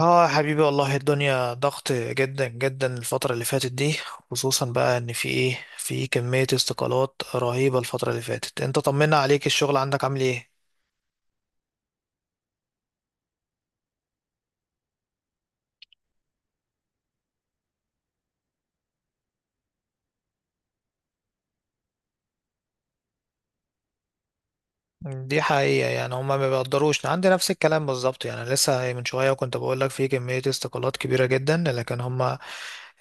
اه يا حبيبي، والله الدنيا ضغط جدا جدا الفترة اللي فاتت دي. خصوصا بقى ان في كمية استقالات رهيبة الفترة اللي فاتت. انت طمنا عليك، الشغل عندك عامل ايه؟ دي حقيقة، يعني هما ما بيقدروش، عندي نفس الكلام بالظبط. يعني لسه من شوية كنت بقول لك في كمية استقالات كبيرة جدا، لكن هما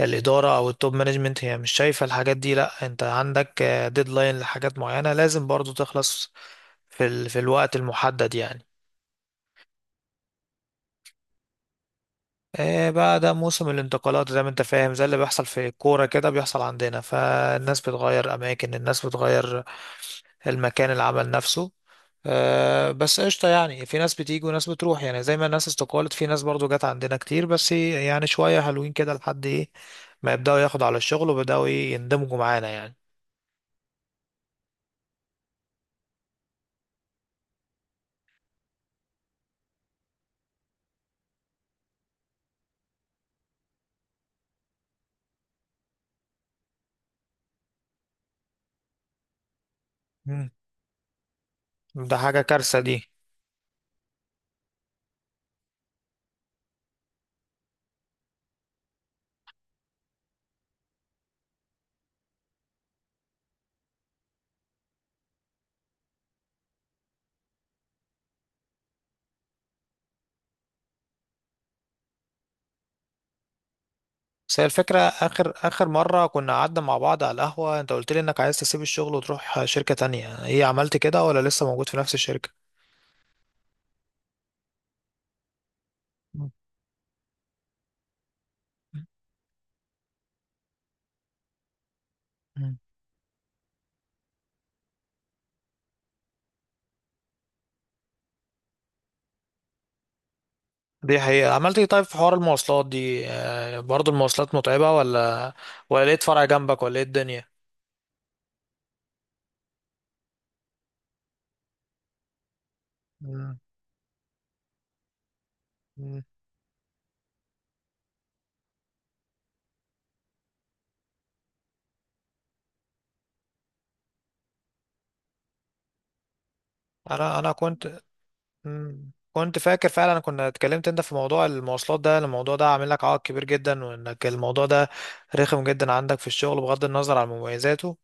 الإدارة أو التوب مانجمنت هي مش شايفة الحاجات دي. لأ، أنت عندك ديدلاين لحاجات معينة لازم برضو تخلص في الوقت المحدد يعني. إيه بقى، ده موسم الانتقالات زي ما انت فاهم، زي اللي بيحصل في الكورة كده بيحصل عندنا، فالناس بتغير أماكن، الناس بتغير المكان، العمل نفسه. آه بس قشطة، يعني في ناس بتيجي وناس بتروح، يعني زي ما الناس استقالت، في ناس برضو جت عندنا كتير، بس يعني شوية حلوين كده لحد ايه ما يبدأوا ياخدوا على الشغل وبدأوا ايه يندمجوا معانا يعني. مم. ده حاجة كارثة دي. بس هي الفكرة، آخر مرة كنا قعدنا مع بعض على القهوة أنت قلت لي إنك عايز تسيب الشغل وتروح شركة تانية، إيه عملت كده ولا لسه موجود في نفس الشركة؟ مم. مم. دي حقيقة. عملت إيه؟ طيب في حوار المواصلات دي، برضو المواصلات متعبة، ولا لقيت فرع جنبك، ولا إيه الدنيا؟ مم. مم. أنا كنت. مم. كنت فاكر فعلا، كنا اتكلمت أنت في موضوع المواصلات ده، الموضوع ده عامل لك عائق كبير جدا، وإنك الموضوع ده رخم جدا عندك في الشغل بغض النظر عن مميزاته.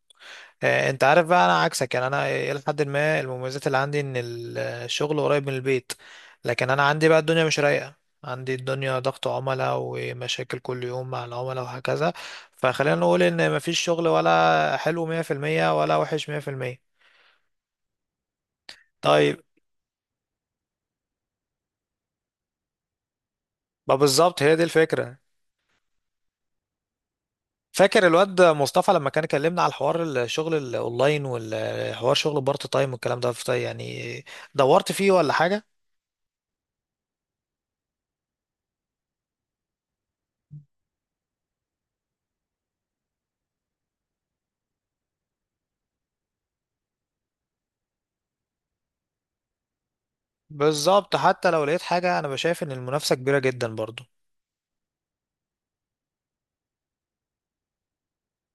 انت عارف بقى انا عكسك، يعني انا الى حد ما المميزات اللي عندي ان الشغل قريب من البيت. لكن انا عندي بقى الدنيا مش رايقه، عندي الدنيا ضغط عملاء ومشاكل كل يوم مع العملاء وهكذا. فخلينا نقول ان مفيش شغل ولا حلو 100% ولا وحش 100%. طيب، ما بالظبط هي دي الفكره. فاكر الواد مصطفى لما كان كلمنا على الحوار الشغل الاونلاين والحوار شغل بارت تايم والكلام ده يعني، دورت فيه ولا حاجه؟ بالظبط، حتى لو لقيت حاجة أنا بشايف إن المنافسة كبيرة جدا برضو.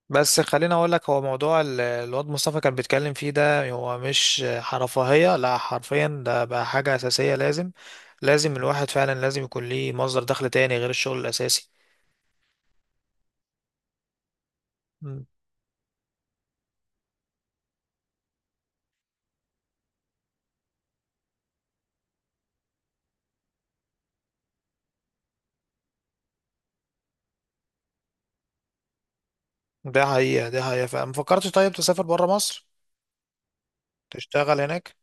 بس خليني أقول لك، هو موضوع الواد مصطفى كان بيتكلم فيه ده هو مش رفاهية، لا، حرفيا ده بقى حاجة أساسية. لازم الواحد فعلا لازم يكون ليه مصدر دخل تاني غير الشغل الأساسي. مم. ده حقيقة، فما فكرتش طيب تسافر برا مصر تشتغل هناك؟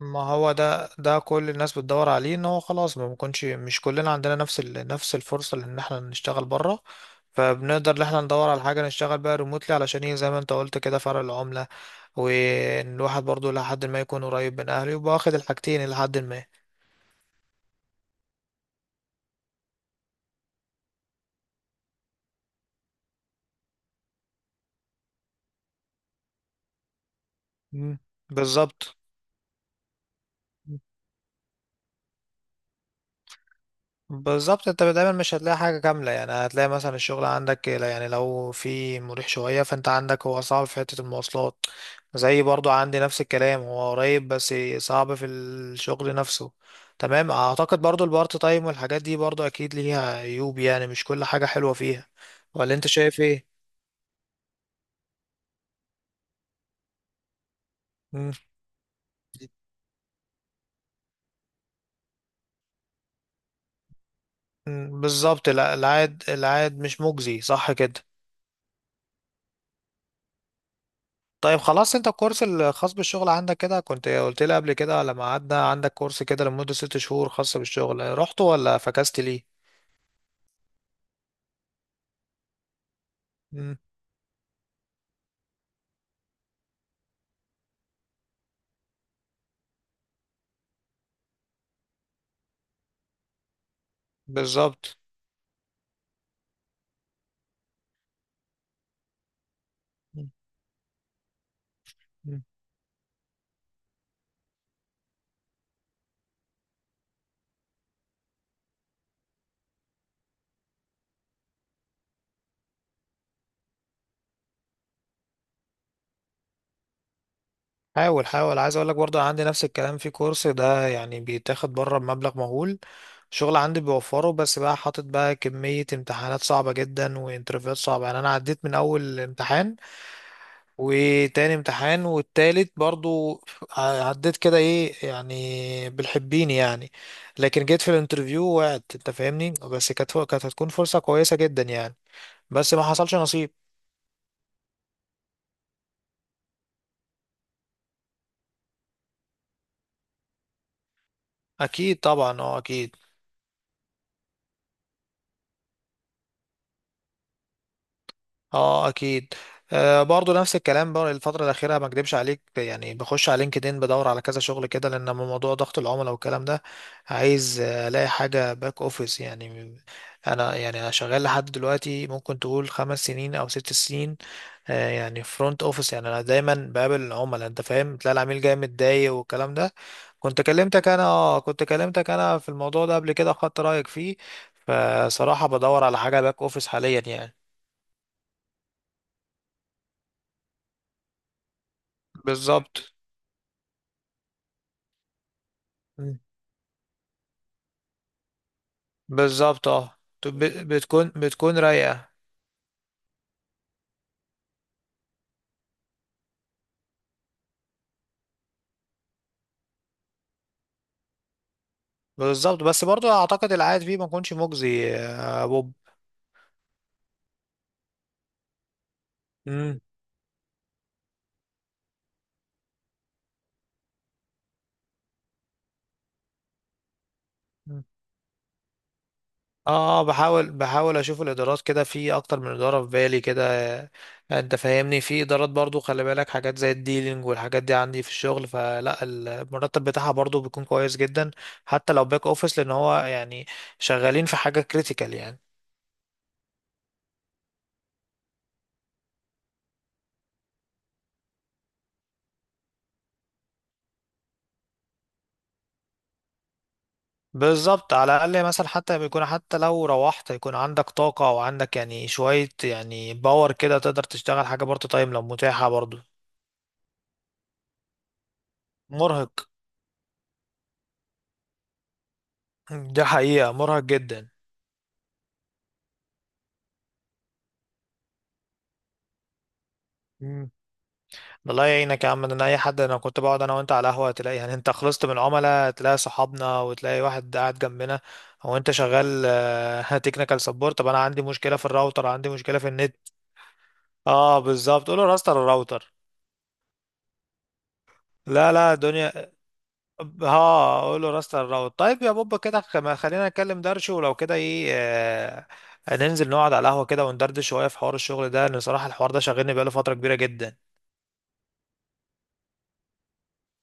ما هو ده كل الناس بتدور عليه. ان هو خلاص ما بنكونش، مش كلنا عندنا نفس الفرصة ان احنا نشتغل بره، فبنقدر ان احنا ندور على حاجة نشتغل بقى ريموتلي، علشان ايه؟ زي ما انت قلت كده، فرق العملة، وان الواحد برضو لحد ما يكون قريب من اهله يبقى واخد الحاجتين لحد ما. مم. بالظبط، بالظبط، انت دايما مش هتلاقي حاجة كاملة، يعني هتلاقي مثلا الشغل عندك يعني لو في مريح شوية، فانت عندك هو صعب في حتة المواصلات، زي برضو عندي نفس الكلام، هو قريب بس صعب في الشغل نفسه. تمام. اعتقد برضو البارت تايم والحاجات دي برضو اكيد ليها عيوب، يعني مش كل حاجة حلوة فيها، ولا انت شايف ايه؟ مم، مم، بالظبط. لا، العائد مش مجزي صح كده. طيب خلاص، انت الكورس الخاص بالشغل عندك كده كنت قلت لي قبل كده لما قعدنا عندك، كورس كده لمدة 6 شهور خاص بالشغل، رحت ولا فكست ليه؟ مم. بالظبط. مم. مم. حاول حاول، عايز اقول لك برضه عندي نفس الكلام في كورس ده، يعني بيتاخد بره بمبلغ مهول. الشغل عندي بيوفره، بس بقى حاطط بقى كمية امتحانات صعبة جدا وانترفيوهات صعبة، يعني انا عديت من اول امتحان وتاني امتحان والتالت برضو، عديت كده، ايه يعني، بالحبين يعني. لكن جيت في الانترفيو وقعت، انت فاهمني، بس كانت هتكون فرصة كويسة جدا يعني، بس ما حصلش نصيب. اكيد طبعا، اه، اكيد، اه، اكيد. آه برضو نفس الكلام بقى الفتره الاخيره، ما اكدبش عليك، يعني بخش على لينكدين بدور على كذا شغل كده لان أما موضوع ضغط العملاء والكلام ده، عايز الاقي حاجه باك اوفيس يعني. انا، يعني انا شغال لحد دلوقتي، ممكن تقول 5 سنين او 6 سنين، آه، يعني فرونت اوفيس، يعني انا دايما بقابل العملاء، انت فاهم تلاقي العميل جاي متضايق والكلام ده. كنت كلمتك انا في الموضوع ده قبل كده، خدت رايك فيه. فصراحه بدور على حاجه باك اوفيس حاليا يعني. بالظبط. مم. بالظبط، اه، طب بتكون رايقة. بالظبط، بس برضو اعتقد العائد فيه ما يكونش مجزي يا بوب. امم مم. اه، بحاول اشوف الادارات كده، في اكتر من اداره في بالي كده. آه، انت فاهمني، في ادارات برضو خلي بالك، حاجات زي الديلينج والحاجات دي عندي في الشغل، فلا المرتب بتاعها برضو بيكون كويس جدا حتى لو باك اوفيس، لان هو يعني شغالين في حاجه كريتيكال يعني. بالظبط، على الأقل مثلا حتى بيكون حتى لو روحت يكون عندك طاقة أو عندك يعني شوية يعني باور كده تقدر تشتغل حاجة بارت تايم لو متاحة برضو. مرهق. دي حقيقة مرهق جدا. مم. الله يعينك يا عم، ده انا اي حد، انا كنت بقعد انا وانت على قهوه، تلاقي يعني انت خلصت من عملاء تلاقي صحابنا وتلاقي واحد قاعد جنبنا، هو انت شغال تكنيكال سبورت، طب انا عندي مشكله في الراوتر، عندي مشكله في النت. اه بالظبط، قول له راستر الراوتر. لا لا الدنيا. ها اقول له راست الراوت. طيب يا بوبا كده، خلينا نكلم درشو ولو كده ايه، ننزل نقعد على القهوة كده وندردش شوية في حوار الشغل ده، لان صراحة الحوار ده شاغلني بقاله فترة كبيرة جدا.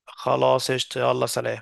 خلاص قشطة، يلا سلام.